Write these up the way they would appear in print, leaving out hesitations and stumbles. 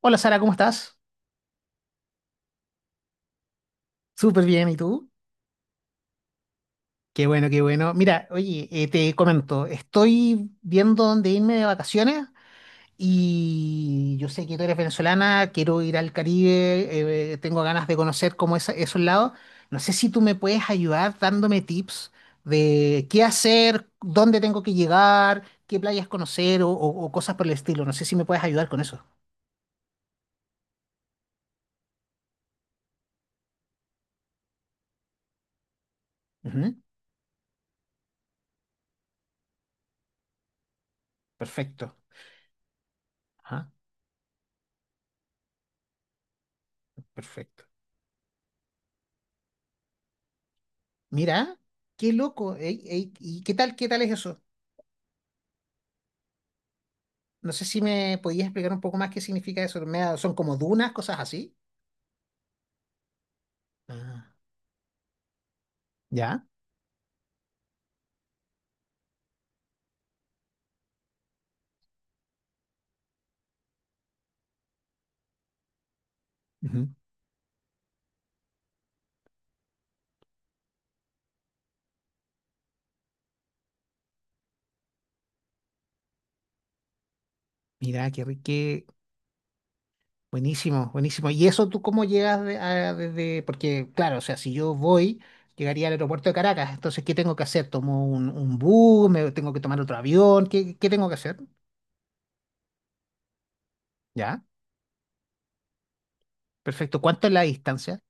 Hola Sara, ¿cómo estás? Súper bien, ¿y tú? Qué bueno, qué bueno. Mira, oye, te comento, estoy viendo dónde irme de vacaciones y yo sé que tú eres venezolana. Quiero ir al Caribe, tengo ganas de conocer como esos lados. No sé si tú me puedes ayudar dándome tips de qué hacer, dónde tengo que llegar, qué playas conocer o cosas por el estilo. No sé si me puedes ayudar con eso. Ujú. Perfecto. Ajá, perfecto. Mira, qué loco. ¿Y qué tal es eso? No sé si me podías explicar un poco más qué significa eso. Son como dunas, cosas así. Ah, ya. Ujú. Mira, qué rico, qué buenísimo, buenísimo. ¿Y eso tú cómo desde? Porque, claro, o sea, si yo voy, llegaría al aeropuerto de Caracas. Entonces, ¿qué tengo que hacer? ¿Tomo un bus? ¿Me tengo que tomar otro avión? ¿Qué, qué tengo que hacer? Ya, perfecto. ¿Cuánto es la distancia?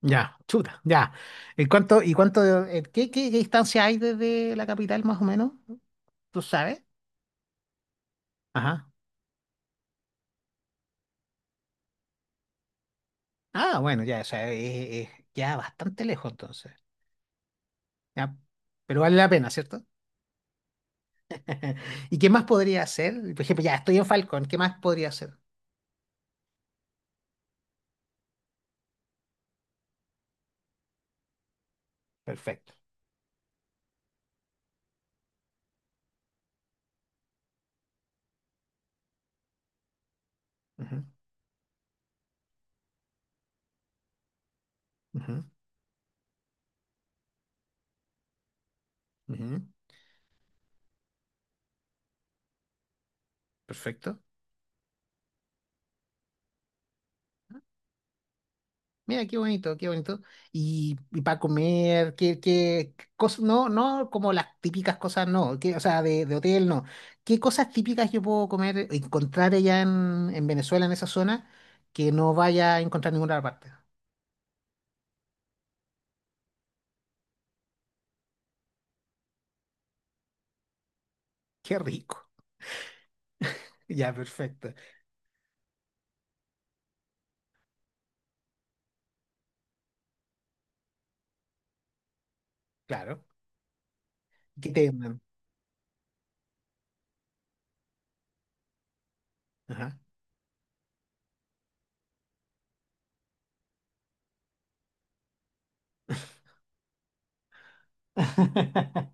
Ya, chuta, ya. ¿Y cuánto, y cuánto, Qué distancia hay desde la capital más o menos? ¿Tú sabes? Ajá. Ah, bueno, ya, o sea, es ya bastante lejos entonces. Ya. Pero vale la pena, ¿cierto? ¿Y qué más podría hacer? Por ejemplo, ya estoy en Falcón, ¿qué más podría hacer? Perfecto. Ujú, ujú, ujú. Perfecto. Mira, qué bonito, qué bonito. Y para comer, qué, qué cosas, no, no como las típicas cosas, no, que, o sea, de hotel, no. ¿Qué cosas típicas yo puedo comer, encontrar en Venezuela, en esa zona, que no vaya a encontrar en ninguna otra parte? Qué rico. Ya, perfecto. Claro. ¿Qué te mandan? Ajá.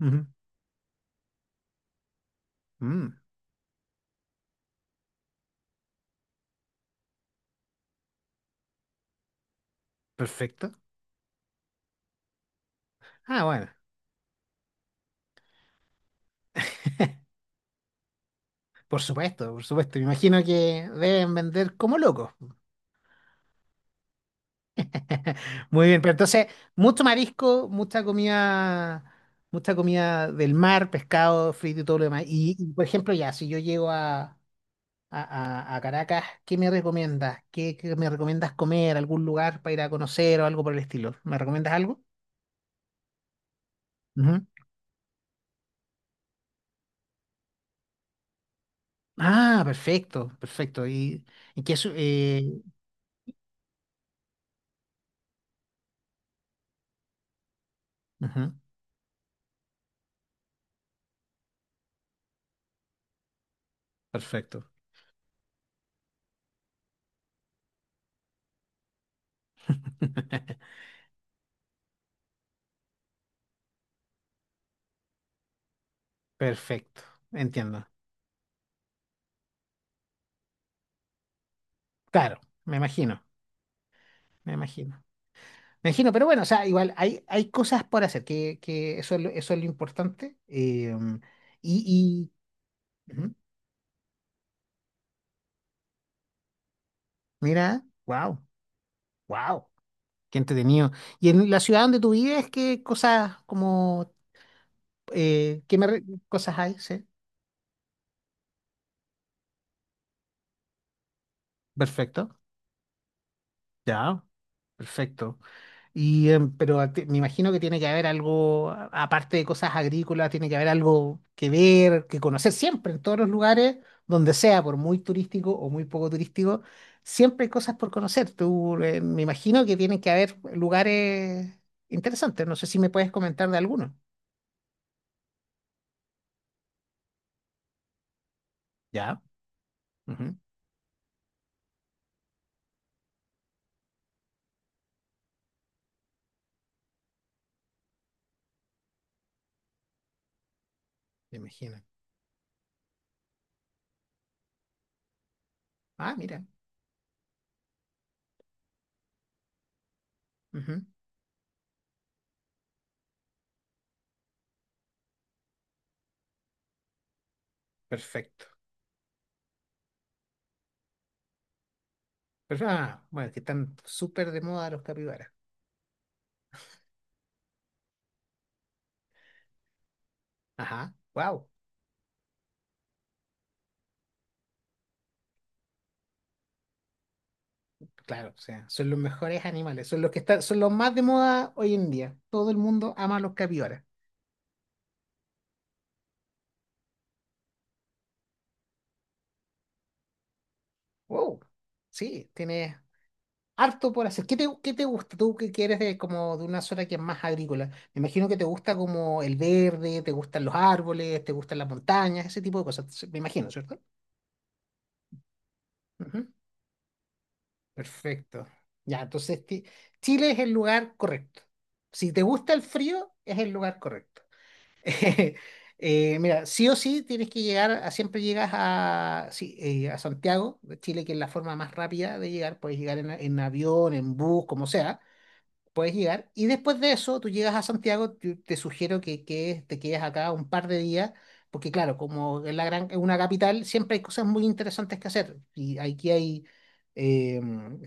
Ujú. Mm, perfecto. Ah, bueno, por supuesto, por supuesto. Me imagino que deben vender como locos. Muy bien, pero entonces, mucho marisco, mucha comida del mar, pescado, frito y todo lo demás. Y, por ejemplo, ya, si yo llego a Caracas, ¿qué me recomiendas? ¿Qué, qué me recomiendas comer? ¿Algún lugar para ir a conocer o algo por el estilo? ¿Me recomiendas algo? Ujú. Ah, perfecto, perfecto. Y qué su- eh, Ujú. Perfecto. Perfecto, entiendo. Claro, me imagino, me imagino. Me imagino, pero bueno, o sea, igual hay, hay cosas por hacer, que eso es lo importante. Y, Ujú, mira, wow, wow, qué entretenido. ¿Y en la ciudad donde tú vives, qué cosas como, eh, qué me re- cosas hay? Sí, perfecto, ya, perfecto. Y, pero me imagino que tiene que haber algo, aparte de cosas agrícolas. Tiene que haber algo que ver, que conocer siempre, en todos los lugares, donde sea, por muy turístico o muy poco turístico, siempre hay cosas por conocer. Tú, me imagino que tienen que haber lugares interesantes. No sé si me puedes comentar de alguno. Ya. Ujú. Me imagino. Ah, mira. Ujú. Perfecto. Pero, ah, bueno, que están súper de moda los capibaras. Ajá. Wow. Claro, o sea, son los mejores animales, son los que están, son los más de moda hoy en día. Todo el mundo ama a los capibaras. Wow, sí, tienes harto por hacer. Qué te gusta? Tú que quieres de como de una zona que es más agrícola. Me imagino que te gusta como el verde, te gustan los árboles, te gustan las montañas, ese tipo de cosas. Me imagino, ¿cierto? Ujú. Perfecto. Ya, Chile es el lugar correcto. Si te gusta el frío, es el lugar correcto. Mira, sí o sí tienes que llegar, a, siempre llegas a, sí, a Santiago de Chile, que es la forma más rápida de llegar. Puedes llegar en avión, en bus, como sea puedes llegar. Y después de eso, tú llegas a Santiago. Yo te sugiero que te quedes acá un par de días, porque claro, como es la gran, es una capital, siempre hay cosas muy interesantes que hacer. Y aquí hay eh,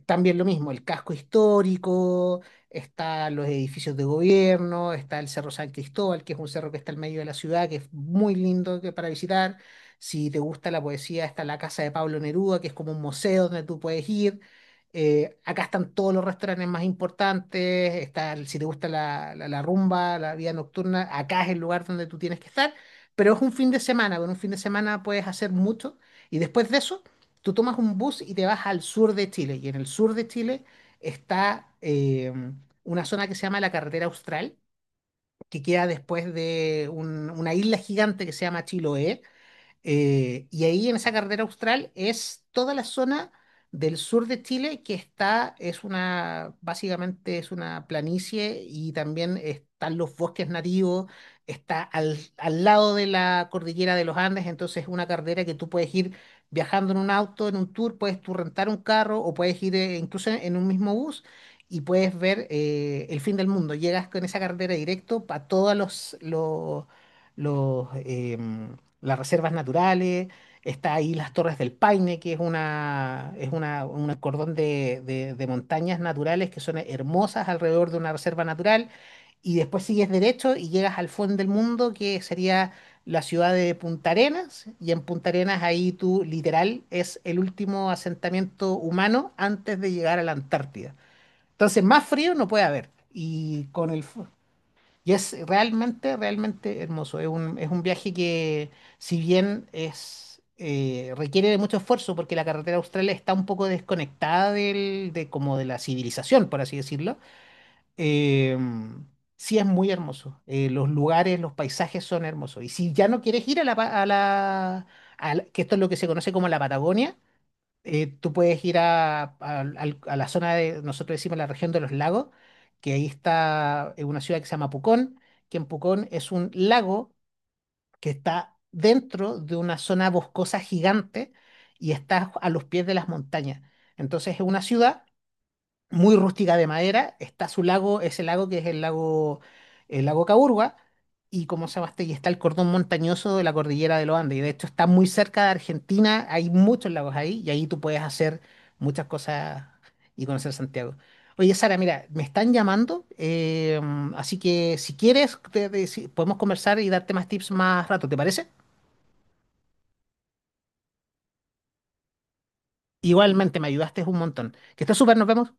también lo mismo, el casco histórico, están los edificios de gobierno, está el Cerro San Cristóbal, que es un cerro que está al medio de la ciudad, que es muy lindo para visitar. Si te gusta la poesía, está la casa de Pablo Neruda, que es como un museo donde tú puedes ir. Acá están todos los restaurantes más importantes, está, si te gusta la rumba, la vida nocturna, acá es el lugar donde tú tienes que estar, pero es un fin de semana, con un fin de semana puedes hacer mucho y después de eso tú tomas un bus y te vas al sur de Chile, y en el sur de Chile está una zona que se llama la Carretera Austral, que queda después de una isla gigante que se llama Chiloé. Y ahí en esa carretera austral es toda la zona del sur de Chile que está, es una, básicamente es una planicie, y también están los bosques nativos. Está al lado de la cordillera de los Andes, entonces es una carretera que tú puedes ir viajando en un auto, en un tour. Puedes tú rentar un carro o puedes ir incluso en un mismo bus. Y puedes ver el fin del mundo. Llegas con esa carretera directo para todos los em, las reservas naturales. Está ahí las Torres del Paine, que es una, un cordón de montañas naturales que son hermosas alrededor de una reserva natural, y después sigues derecho y llegas al fondo del mundo, que sería la ciudad de Punta Arenas, y en Punta Arenas ahí tú literal es el último asentamiento humano antes de llegar a la Antártida. Entonces, más frío no puede haber. Y con y es realmente, realmente hermoso. Es un viaje que, si bien es, requiere de mucho esfuerzo, porque la carretera austral está un poco desconectada como de la civilización, por así decirlo. eh, sí es muy hermoso. Los lugares, los paisajes son hermosos. Y si ya no quieres ir a la, pa- a la- que esto es lo que se conoce como la Patagonia, tú puedes ir a la zona de, nosotros decimos la región de los lagos, que ahí está una ciudad que se llama Pucón, que en Pucón es un lago que está dentro de una zona boscosa gigante y está a los pies de las montañas. Entonces es una ciudad muy rústica de madera. Está su lago, ese lago que es el lago Caburgua. Y como se llama este, y está el cordón montañoso de la cordillera de los Andes. Y de hecho está muy cerca de Argentina, hay muchos lagos ahí y ahí tú puedes hacer muchas cosas y conocer Santiago. Oye, Sara, mira, me están llamando, así que si quieres, podemos conversar y darte más tips más rato, ¿te parece? Igualmente, me ayudaste un montón. Que estés súper, nos vemos.